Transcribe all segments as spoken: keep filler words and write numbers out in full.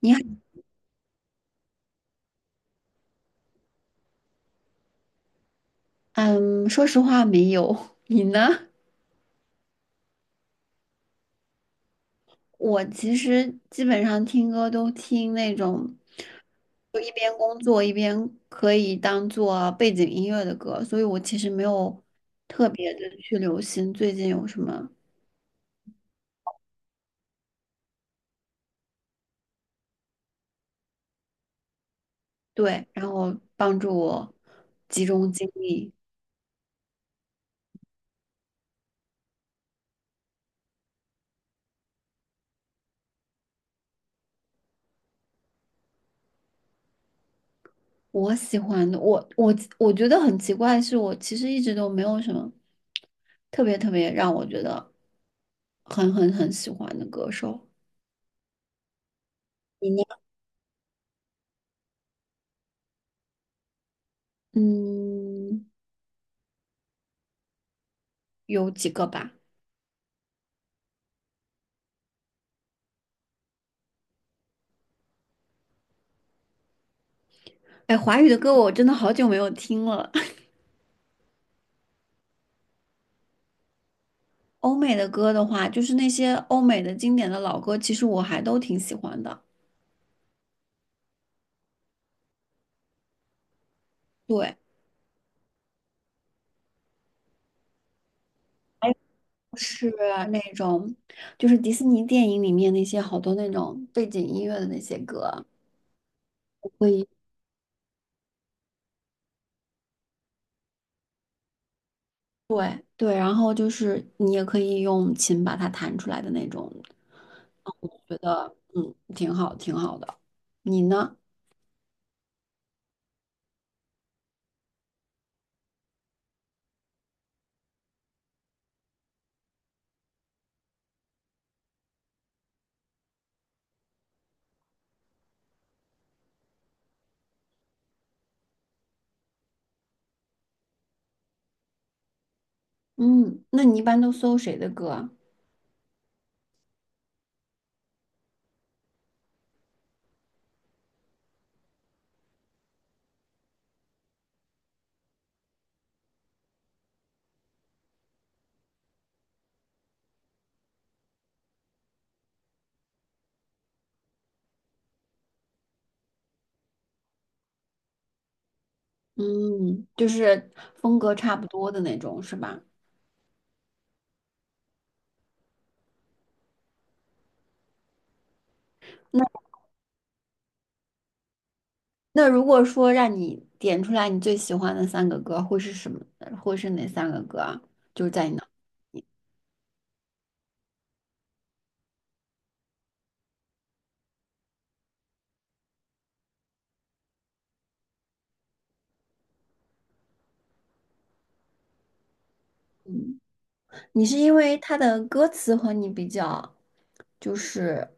你好，嗯，说实话没有，你呢？我其实基本上听歌都听那种，就一边工作一边可以当做背景音乐的歌，所以我其实没有特别的去留心最近有什么，对，然后帮助我集中精力。我喜欢的，我我我觉得很奇怪的是，我其实一直都没有什么特别特别让我觉得很很很喜欢的歌手。你呢？嗯，有几个吧。哎，华语的歌我真的好久没有听了。欧美的歌的话，就是那些欧美的经典的老歌，其实我还都挺喜欢的。对，还有是那种，就是迪士尼电影里面那些好多那种背景音乐的那些歌，可以。对对，然后就是你也可以用琴把它弹出来的那种，觉得嗯挺好，挺好的。你呢？嗯，那你一般都搜谁的歌啊？嗯，就是风格差不多的那种，是吧？那那如果说让你点出来你最喜欢的三个歌，会是什么？呃会是哪三个歌啊？就是在你脑，嗯，你是因为它的歌词和你比较，就是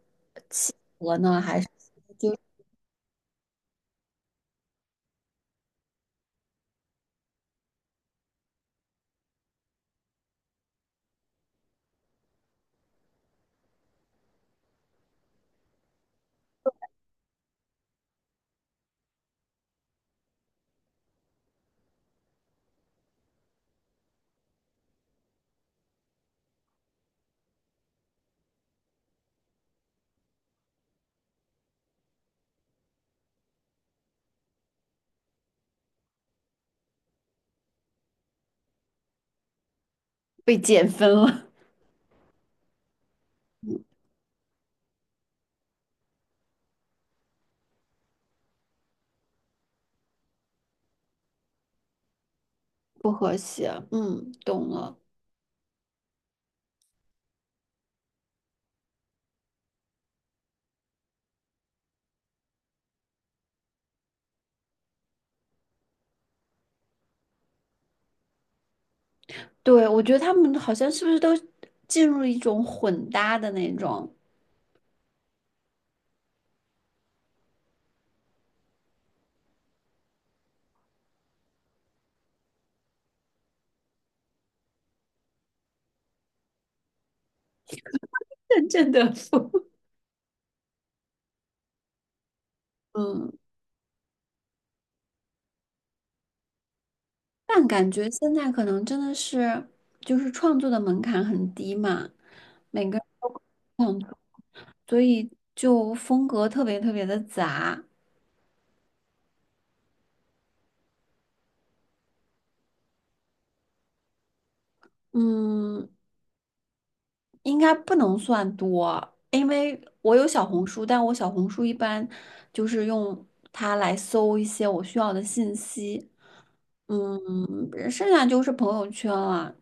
被减分了，嗯，不和谐，嗯，懂了。对，我觉得他们好像是不是都进入一种混搭的那种 阵阵的风，嗯。但感觉现在可能真的是，就是创作的门槛很低嘛，每个人都可以创作，所以就风格特别特别的杂。嗯，应该不能算多，因为我有小红书，但我小红书一般就是用它来搜一些我需要的信息。嗯，剩下就是朋友圈了，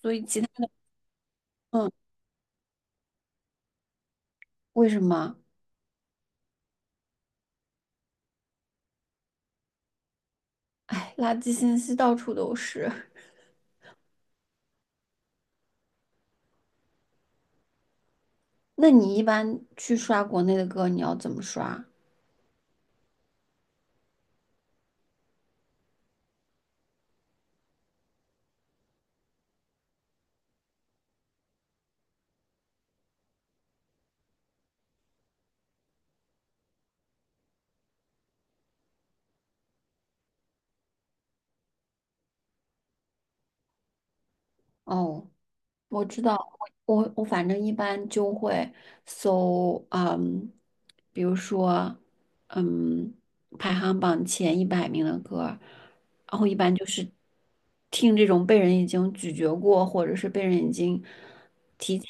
所以其他，嗯，为什么？哎，垃圾信息到处都是。那你一般去刷国内的歌，你要怎么刷？哦，我知道，我我反正一般就会搜，嗯，比如说，嗯，排行榜前一百名的歌，然后一般就是听这种被人已经咀嚼过，或者是被人已经提前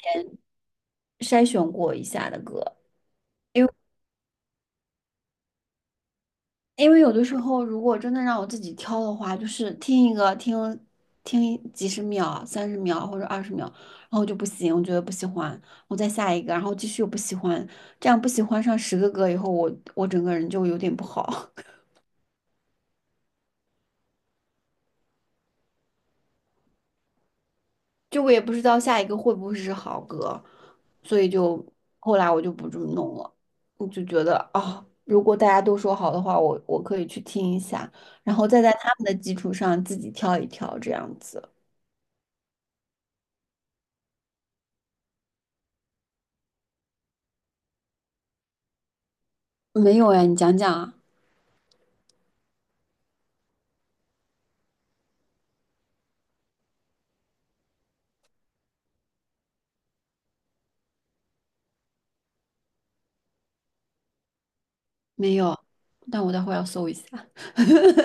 筛选过一下的歌。因为有的时候，如果真的让我自己挑的话，就是听一个听听几十秒、三十秒或者二十秒，然后就不行，我觉得不喜欢，我再下一个，然后继续又不喜欢，这样不喜欢上十个歌以后，我我整个人就有点不好，就我也不知道下一个会不会是好歌，所以就后来我就不这么弄了，我就觉得啊、如果大家都说好的话，我我可以去听一下，然后再在他们的基础上自己挑一挑这样子。没有哎，你讲讲啊。没有，但我待会儿要搜一下。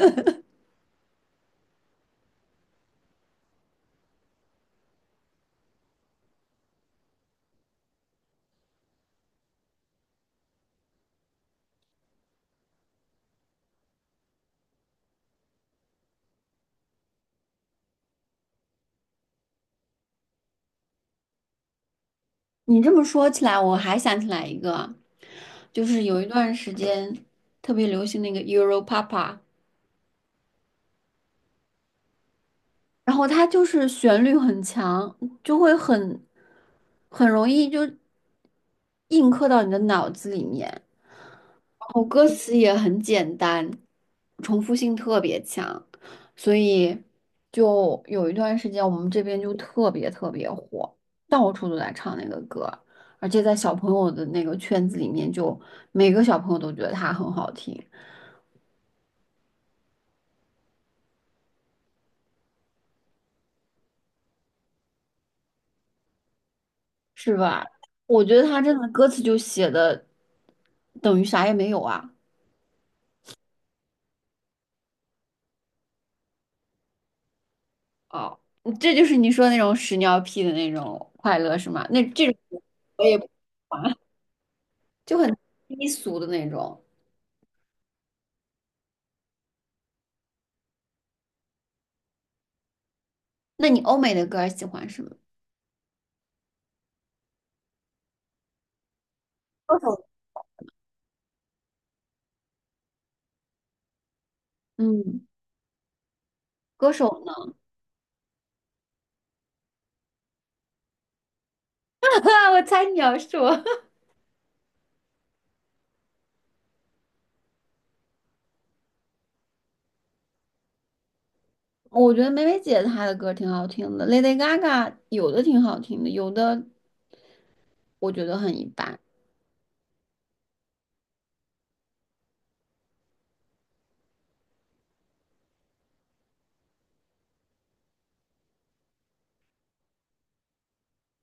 你这么说起来，我还想起来一个，就是有一段时间特别流行那个 Euro Papa。然后它就是旋律很强，就会很很容易就印刻到你的脑子里面。然后歌词也很简单，重复性特别强，所以就有一段时间我们这边就特别特别火，到处都在唱那个歌，而且在小朋友的那个圈子里面就每个小朋友都觉得它很好听。是吧？我觉得他真的歌词就写的等于啥也没有啊。哦，这就是你说那种屎尿屁的那种快乐是吗？那这种我也不喜欢，就很低俗的那种。那你欧美的歌喜欢什么？歌手，嗯，歌手呢？我猜你要说，我觉得梅梅姐她的歌挺好听的，Lady Gaga 有的挺好听的，有的我觉得很一般。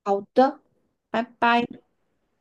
好的，拜拜。